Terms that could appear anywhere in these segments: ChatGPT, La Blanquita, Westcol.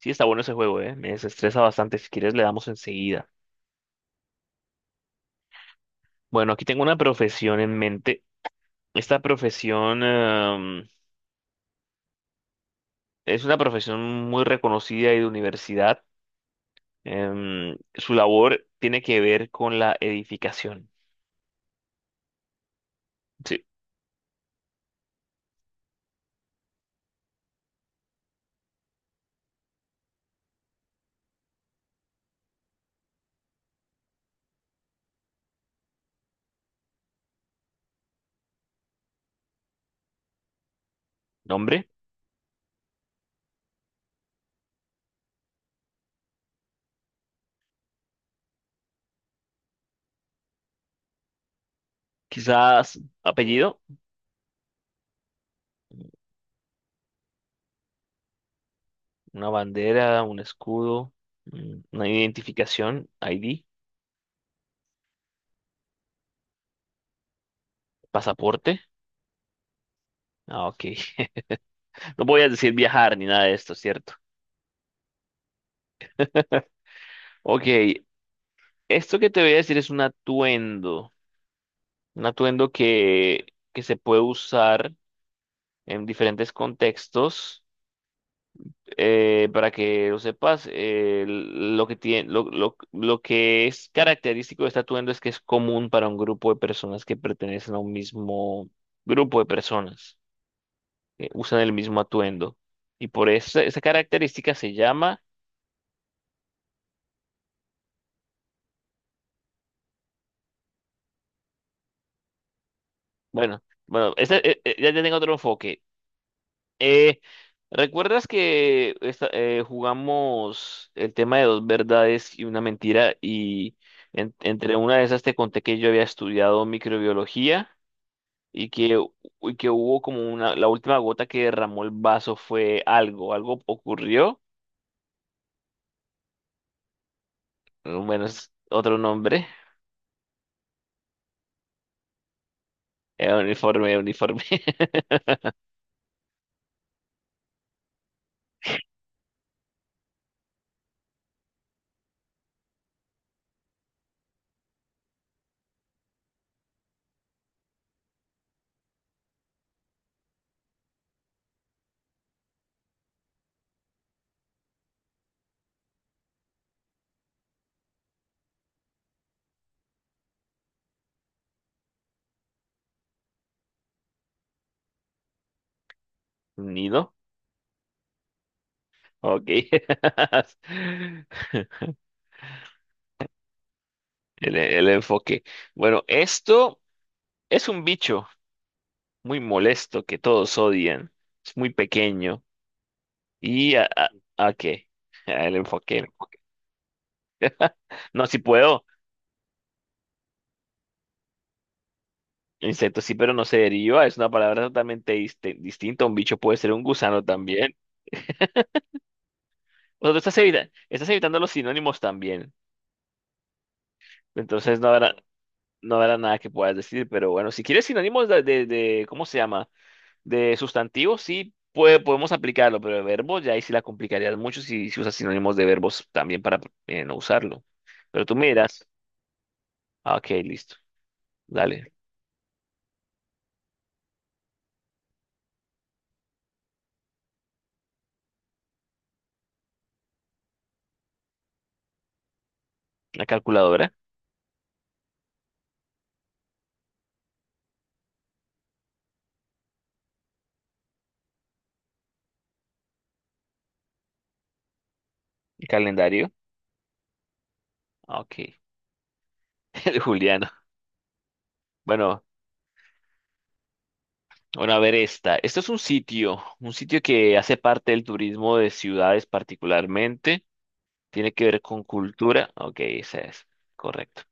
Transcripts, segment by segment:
Sí, está bueno ese juego, ¿eh? Me desestresa bastante. Si quieres, le damos enseguida. Bueno, aquí tengo una profesión en mente. Esta profesión, es una profesión muy reconocida y de universidad. Su labor tiene que ver con la edificación. Sí. Nombre, quizás apellido, una bandera, un escudo, una identificación, ID, pasaporte. Ah, ok. No voy a decir viajar ni nada de esto, ¿cierto? Ok, esto que te voy a decir es un atuendo que se puede usar en diferentes contextos. Para que lo sepas, lo que tiene, lo que es característico de este atuendo es que es común para un grupo de personas que pertenecen a un mismo grupo de personas, que usan el mismo atuendo. Y por esa, esa característica se llama, bueno, ya tengo otro enfoque. Eh, ¿Recuerdas que jugamos el tema de dos verdades y una mentira? Y entre una de esas te conté que yo había estudiado microbiología y y que hubo como una, la última gota que derramó el vaso fue algo, algo ocurrió. Bueno, es otro nombre. Uniforme, uniforme. Nido. Ok. El enfoque. Bueno, esto es un bicho muy molesto que todos odian. Es muy pequeño. ¿Y a qué? El enfoque. No, si puedo. Insecto sí, pero no se deriva. Es una palabra totalmente distinta. Un bicho puede ser un gusano también. O sea, tú estás evitando los sinónimos también. Entonces no habrá, no habrá nada que puedas decir. Pero bueno, si quieres sinónimos de ¿cómo se llama? De sustantivos, sí puede, podemos aplicarlo. Pero de verbo, ya ahí sí la complicarías mucho si, si usas sinónimos de verbos también para no usarlo. Pero tú miras. Ah, ok, listo. Dale. La calculadora, el calendario. Ah, ok. El Juliano. Bueno, bueno, a ver esta. Esto es un sitio que hace parte del turismo de ciudades particularmente. Tiene que ver con cultura. Ok, esa es. Correcto.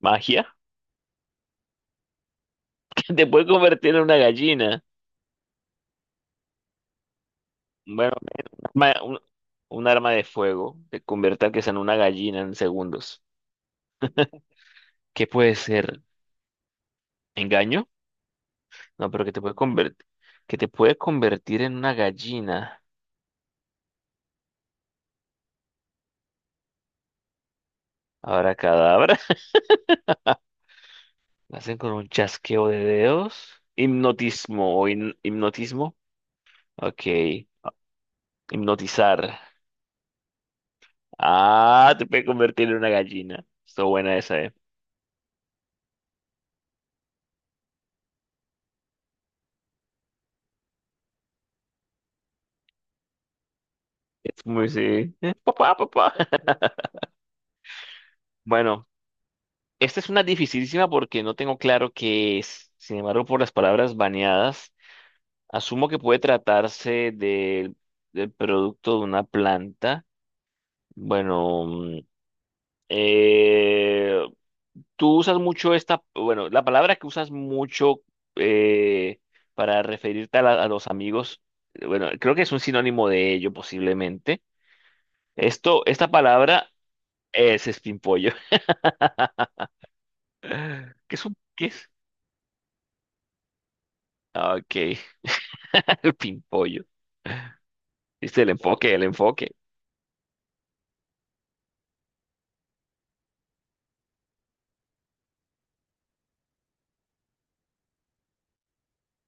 Magia. Te puede convertir en una gallina. Bueno, un, arma un- un arma de fuego. Te convierte a que sea en una gallina en segundos. ¿Qué puede ser? ¿Engaño? No, pero que te puede convertir, que te puede convertir en una gallina. Ahora cadabra. Lo hacen con un chasqueo de dedos. Hipnotismo o hipnotismo. Ok. Hipnotizar. Ah, te puede convertir en una gallina. Está buena esa, eh. Es muy sí. Papá, papá. Bueno, esta es una dificilísima porque no tengo claro qué es. Sin embargo, por las palabras baneadas, asumo que puede tratarse del producto de una planta. Bueno. Eh, Tú usas mucho esta, bueno, la palabra que usas mucho eh, para referirte a, a los amigos, bueno, creo que es un sinónimo de ello posiblemente. Esto, esta palabra es pimpollo. ¿Qué es un, qué es? Ah, ok, el pimpollo. ¿Viste el enfoque, el enfoque?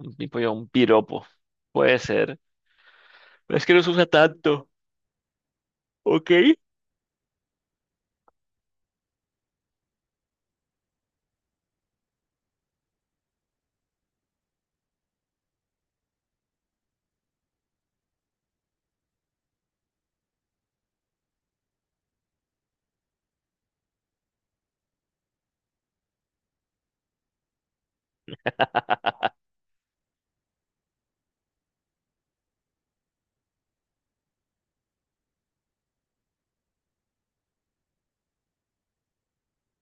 Un pimpollo, un piropo. Puede ser. Pero es que no se usa tanto. Ok.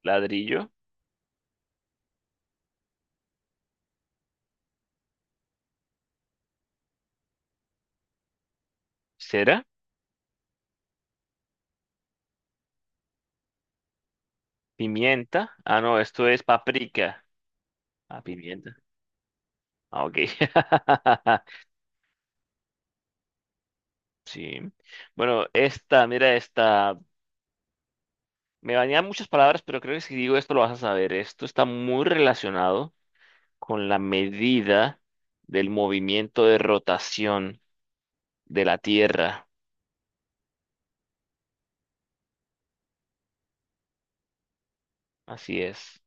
Ladrillo, cera, pimienta. Ah, no, esto es paprika. Ah, pimienta. Ah, ok. Sí. Bueno, esta, mira esta. Me bañan muchas palabras, pero creo que si digo esto lo vas a saber. Esto está muy relacionado con la medida del movimiento de rotación de la Tierra. Así es.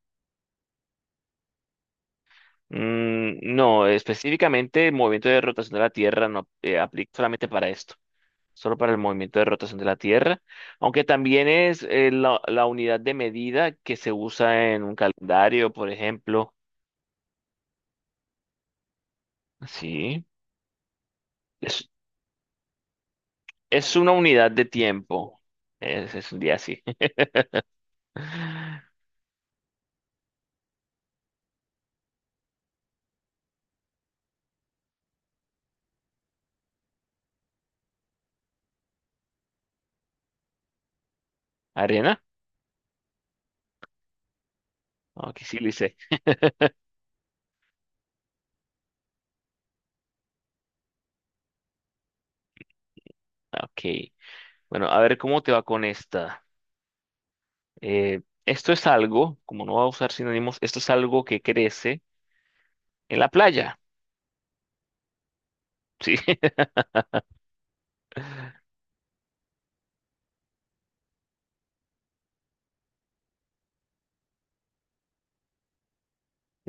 Mm, no, específicamente el movimiento de rotación de la Tierra no aplica solamente para esto, solo para el movimiento de rotación de la Tierra, aunque también es la, la unidad de medida que se usa en un calendario, por ejemplo. Sí, es, es una unidad de tiempo. Es un día así. ¿Arena? Ok, sí, lo hice. Ok. Bueno, a ver cómo te va con esta. Esto es algo, como no va a usar sinónimos, esto es algo que crece en la playa. Sí,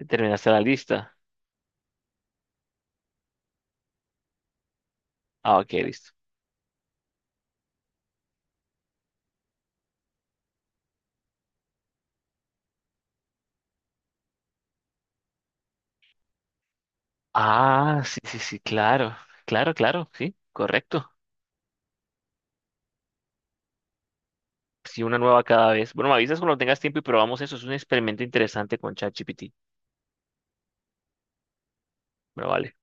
terminaste la lista. Ah, ok, listo. Ah, sí, sí, sí, claro. Claro, claro, sí, correcto. Sí, una nueva cada vez. Bueno, me avisas cuando tengas tiempo y probamos eso. Es un experimento interesante con ChatGPT. Bueno, vale.